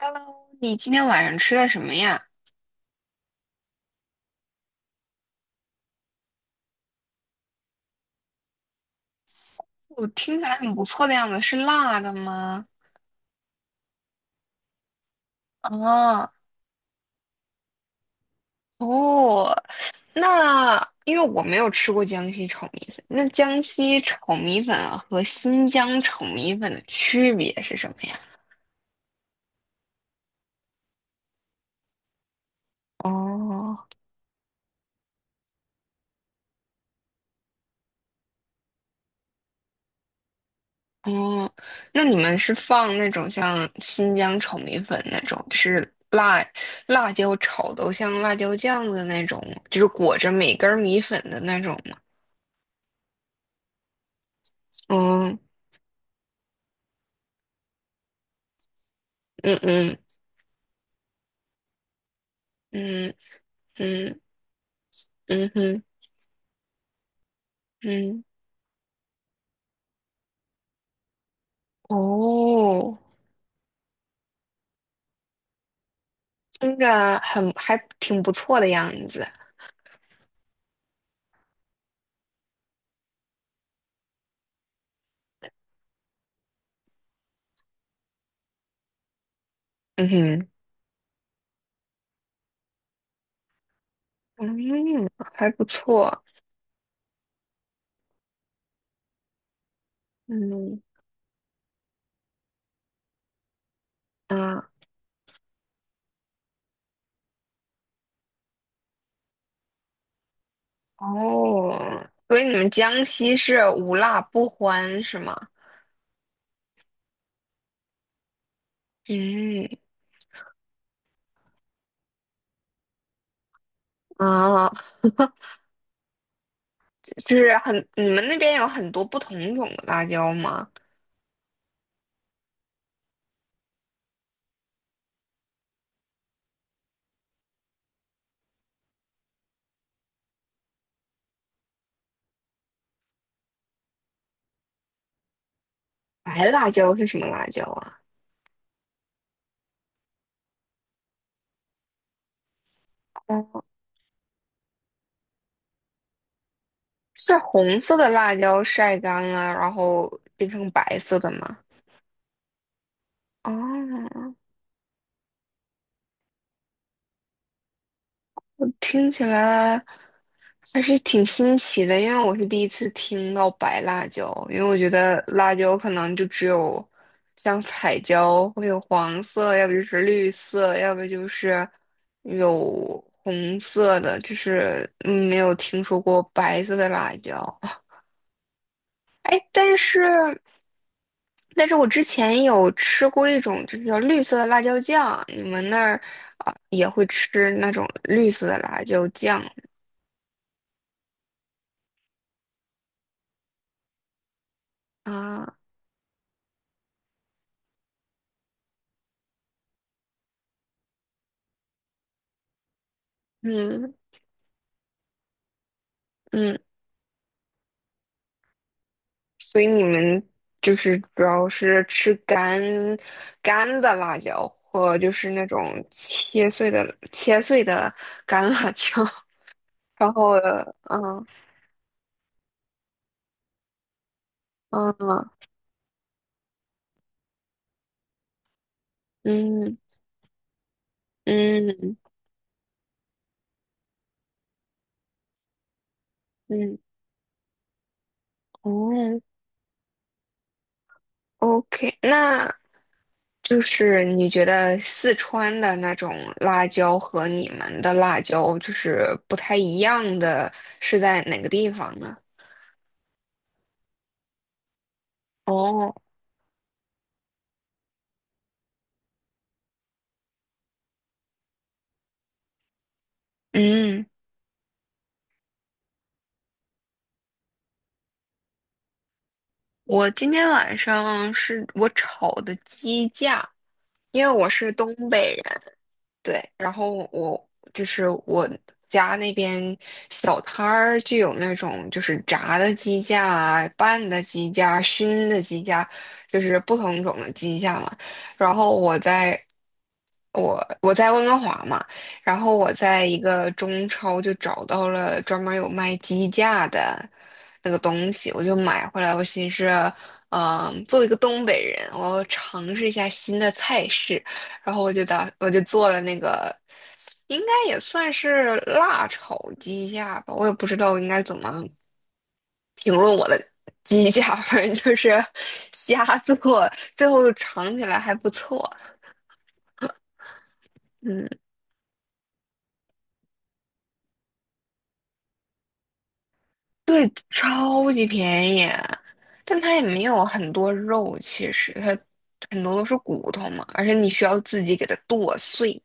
Hello，你今天晚上吃的什么呀？我听起来很不错的样子，是辣的吗？啊。哦。那因为我没有吃过江西炒米粉，那江西炒米粉和新疆炒米粉的区别是什么呀？哦哦，那你们是放那种像新疆炒米粉那种，就是辣椒炒的像辣椒酱的那种，就是裹着每根儿米粉的那种吗？嗯嗯嗯。嗯嗯嗯哼嗯。哦。听着很还挺不错的样子。嗯哼。嗯，还不错。嗯啊。哦，所以你们江西是无辣不欢是吗？嗯啊，就是很，你们那边有很多不同种的辣椒吗？白辣椒是什么辣椒啊？哦，是红色的辣椒晒干了，然后变成白色的吗？哦，听起来还是挺新奇的，因为我是第一次听到白辣椒，因为我觉得辣椒可能就只有像彩椒会有黄色，要不就是绿色，要不就是有红色的，就是没有听说过白色的辣椒。哎，但是我之前有吃过一种就是叫绿色的辣椒酱，你们那儿啊也会吃那种绿色的辣椒酱吗啊？嗯嗯，所以你们就是主要是吃干干的辣椒，或就是那种切碎的干辣椒，然后嗯嗯嗯嗯嗯哦，OK，那就是你觉得四川的那种辣椒和你们的辣椒就是不太一样的是在哪个地方呢？哦，嗯。我今天晚上是我炒的鸡架，因为我是东北人。对，然后我就是我家那边小摊儿就有那种就是炸的鸡架啊、拌的鸡架、熏的鸡架，就是不同种的鸡架嘛。然后我在温哥华嘛，然后我在一个中超就找到了专门有卖鸡架的那个东西，我就买回来。我寻思，作为一个东北人，我要尝试一下新的菜式。然后我就做了那个，应该也算是辣炒鸡架吧，我也不知道应该怎么评论我的鸡架，反正就是 瞎做，最后尝起来还不错。嗯，对，超级便宜，但它也没有很多肉，其实它很多都是骨头嘛，而且你需要自己给它剁碎。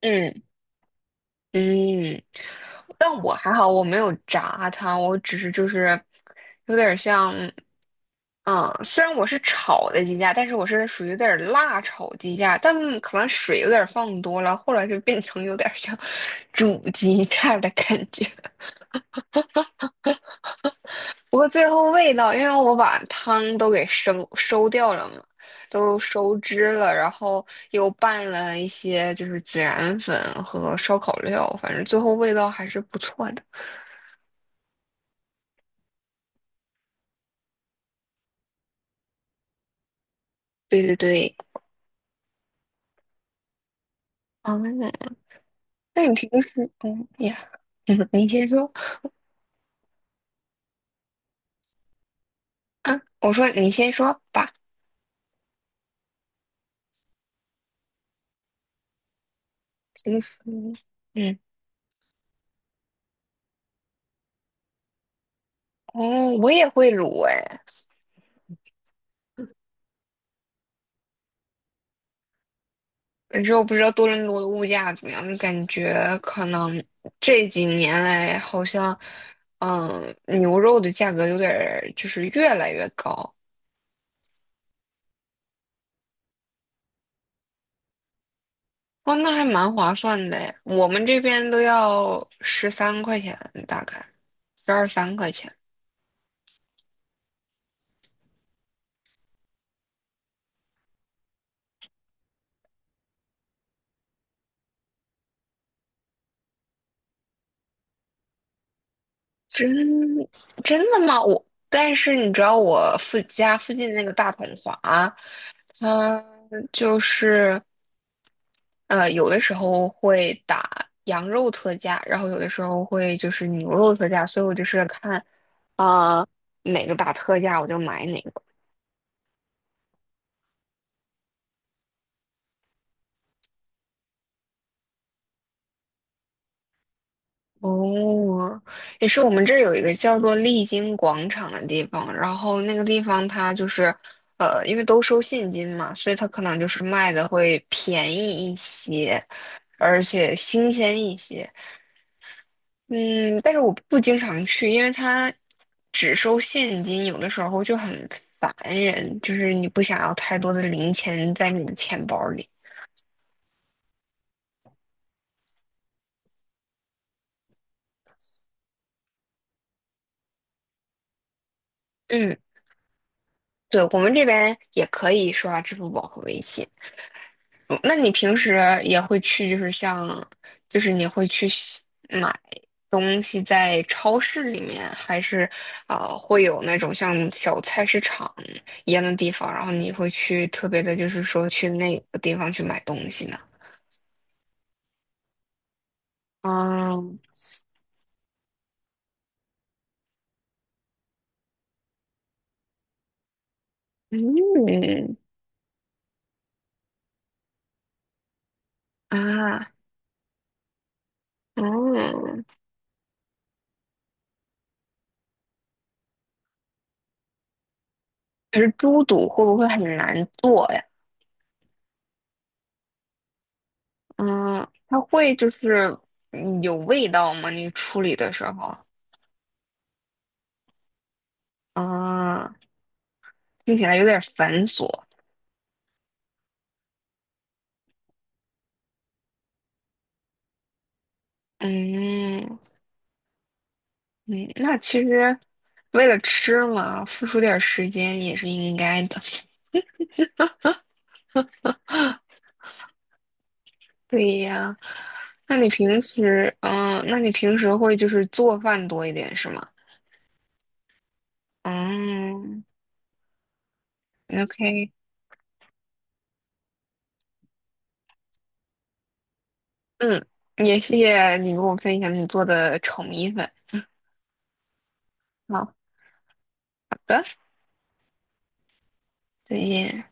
嗯嗯，但我还好，我没有炸它，我只是就是有点像。嗯，虽然我是炒的鸡架，但是我是属于有点儿辣炒鸡架，但可能水有点儿放多了，后来就变成有点儿像 煮鸡架的感觉。不过最后味道，因为我把汤都给收收掉了嘛，都收汁了，然后又拌了一些就是孜然粉和烧烤料，反正最后味道还是不错的。对对对，嗯，那你平时你先说啊，我说你先说吧。其实，嗯。哦，我也会卤哎，可是我不知道多伦多的物价怎么样，感觉可能这几年来好像，牛肉的价格有点儿就是越来越高。哦，那还蛮划算的哎我们这边都要13块钱，大概十二三块钱。真真的吗？我但是你知道我附家附近那个大统华，它就是。有的时候会打羊肉特价，然后有的时候会就是牛肉特价，所以我就是看啊、呃哪个打特价我就买哪个。哦，也是我们这儿有一个叫做丽晶广场的地方，然后那个地方它就是因为都收现金嘛，所以它可能就是卖的会便宜一些，而且新鲜一些。嗯，但是我不经常去，因为他只收现金，有的时候就很烦人，就是你不想要太多的零钱在你的钱包里。嗯，对，我们这边也可以刷支付宝和微信。嗯那你平时也会去，就是像，就是你会去西买东西在超市里面，还是会有那种像小菜市场一样的地方，然后你会去特别的，就是说去那个地方去买东西呢？啊，嗯啊。哦，可是猪肚会不会很难做呀？嗯，它会就是有味道吗？你处理的时候啊，听起来有点繁琐。嗯嗯，那其实为了吃嘛，付出点儿时间也是应该的。对呀，那你平时会就是做饭多一点是吗？嗯，OK。嗯，也谢谢你跟我分享你做的炒米粉。好，好的，再见。